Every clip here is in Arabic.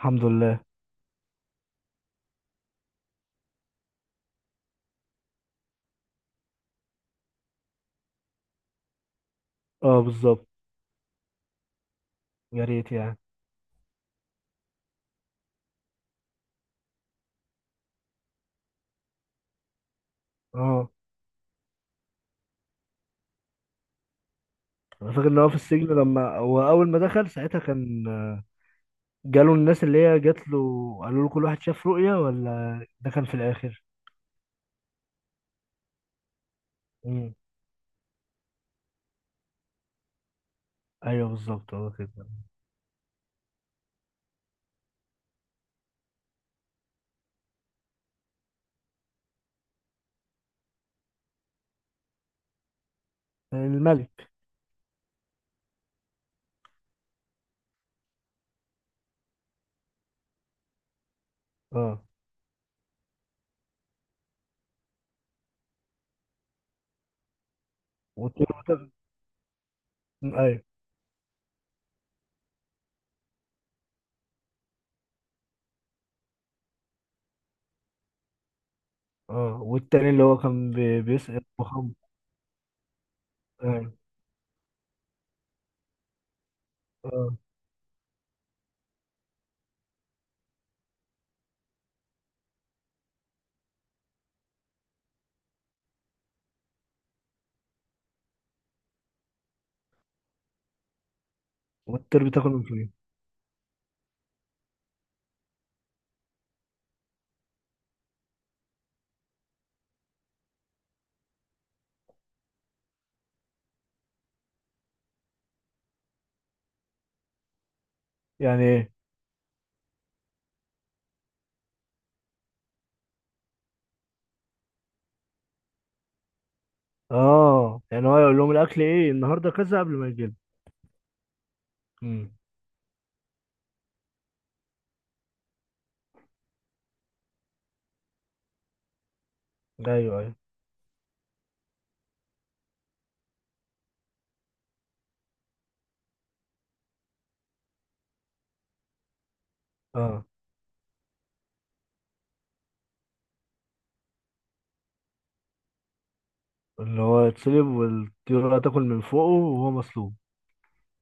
الحمد لله. اه، بالظبط. يا ريت يعني. اه، انا فاكر ان هو في السجن لما هو اول ما دخل ساعتها كان جاله الناس اللي هي جات له، قالوا له كل واحد شاف رؤية، ولا ده كان في الاخر؟ امم ايوه، بالظبط هو كده. الملك. اه، والتاني والتاني- ايوه. اه، والتاني اللي هو كان بيسأل محمد؟ ايوه. اه، والطير بتاكل من فين؟ يعني ايه؟ اه، يعني هو يقول لهم الاكل ايه النهارده كذا قبل ما يجي لهم. امم ايوه، ايوه. اه، اللي هو يتسلب والطيارة تاكل من فوقه وهو مصلوب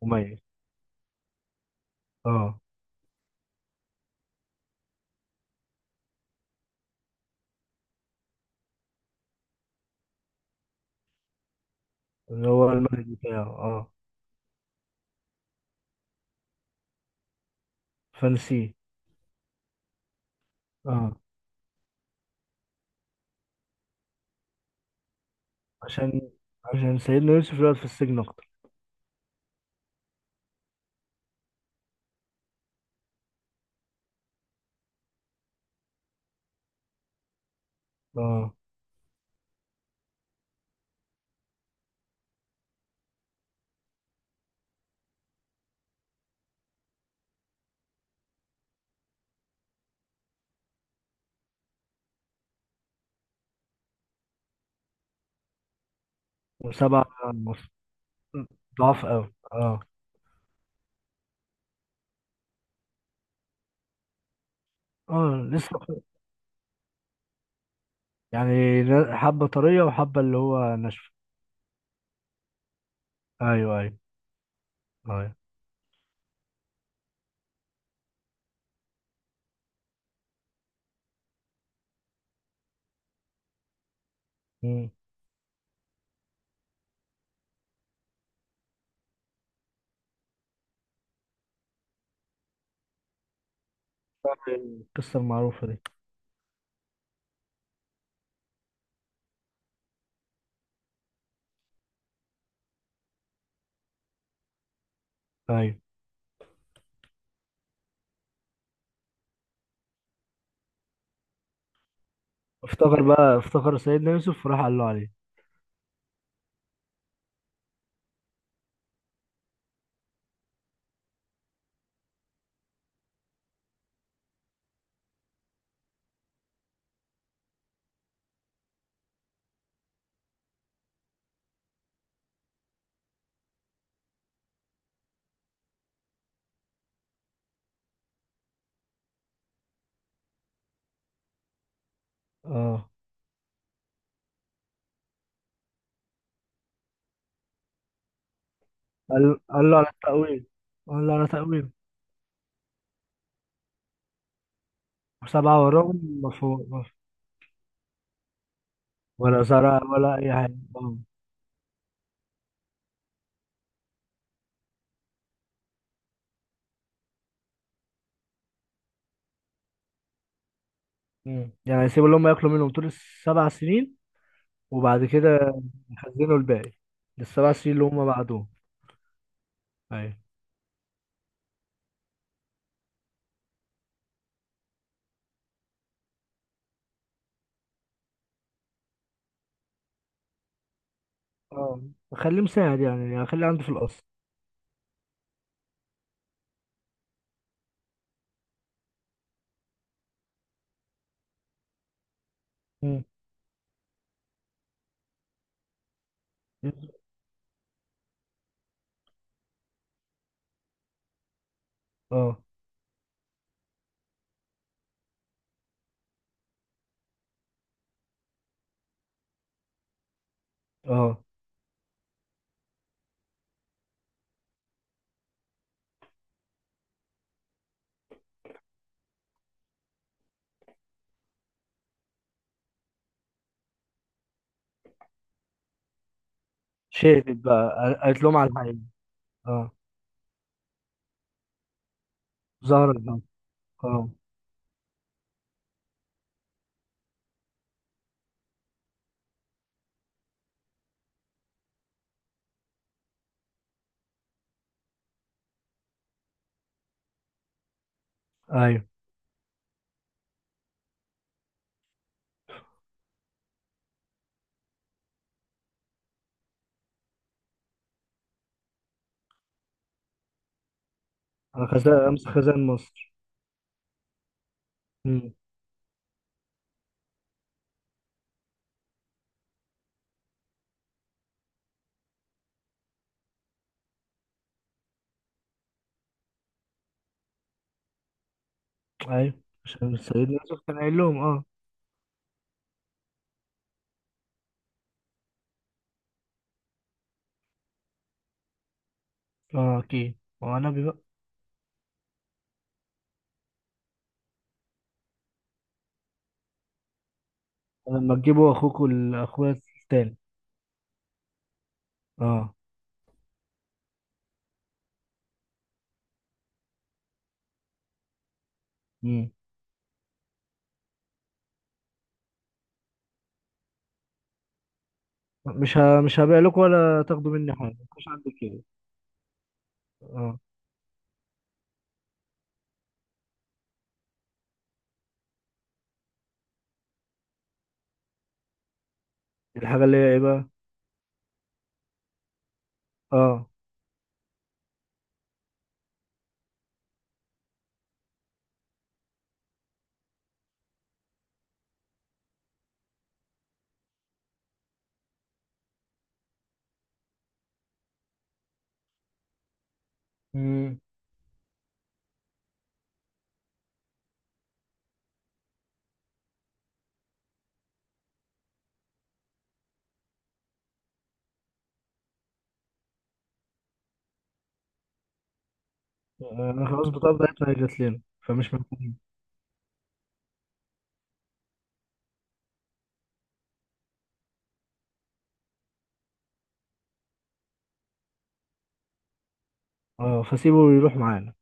وميت. اه، اللي هو الملك بتاعه، اه. فنسيه. اه، عشان عشان سيدنا يوسف يقعد في السجن أكتر. اه، وسبعة مصر ضعف أوي، اه. اه، لسه يعني حبة طرية وحبة اللي هو ناشفة. أيوه، أيوه. أيوه. مم. القصة المعروفة دي. أيوه. افتكر بقى، افتكر سيدنا يوسف وراح قال له عليه. اه، قال له على التأويل. قال له على تأويل. سبعة وراهم، مفهوم. ولا زرع ولا أي حاجة، آه. مم. يعني هيسيبوا اللي هم ياكلوا منهم طول السبع سنين، وبعد كده يخزنوا الباقي للسبع سنين اللي هم بعدهم. أيوة. اه، أخليه مساعد، يعني أخليه عنده في القصر. مم. اه. اه، شافت بقى قالت لهم على الحقيقة. اه، ظهرت بقى. اه. ايوه. انا خزان امس خزان مصر. امم ايوه، عشان سيدنا يوسف كان قايل لهم، اه. اه، اكيد. هو نبي بقى. لما تجيبوا اخوكم الاخويا التاني. اه. مم. مش هبيع لكم ولا تاخدوا مني حاجه، مش عندك كده. اه، الحاجه اللي هي ايه بقى؟ اه. مم. انا خلاص، بطاقة بتاعتنا هي جات لنا، فمش محتاجين. اه، فسيبه يروح معانا.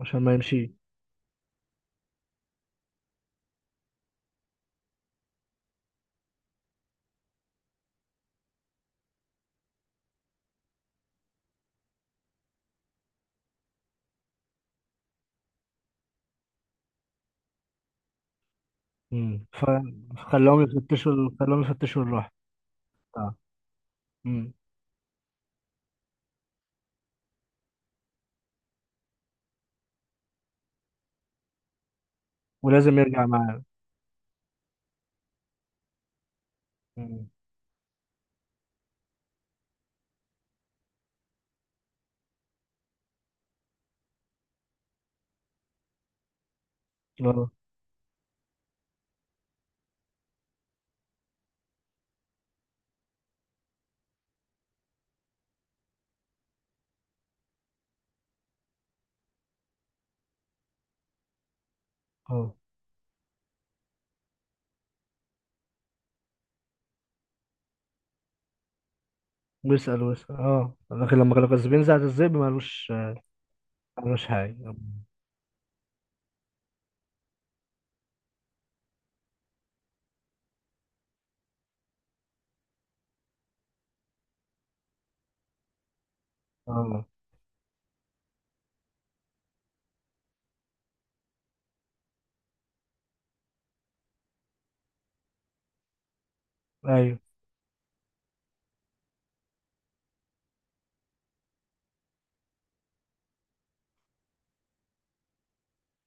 عشان ما يمشي. امم ف... فخلاهم يفتشوا، خلاهم يفتشوا الراحة. اه. امم ولازم يرجع معانا. مم. اه. اه، ويسأل ويسأل، لكن لما كانوا كسبين ساعة الذئب مالوش، مالوش حاجة. اه. ايوه.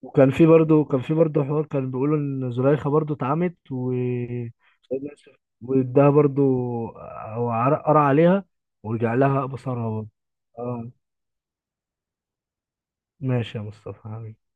وكان في برضه حوار كان بيقولوا ان زليخا برضه اتعمت، و سيدنا يوسف واداها برضه، او قرا عليها، ورجع لها بصرها برضه. اه. ماشي يا مصطفى حبيبي.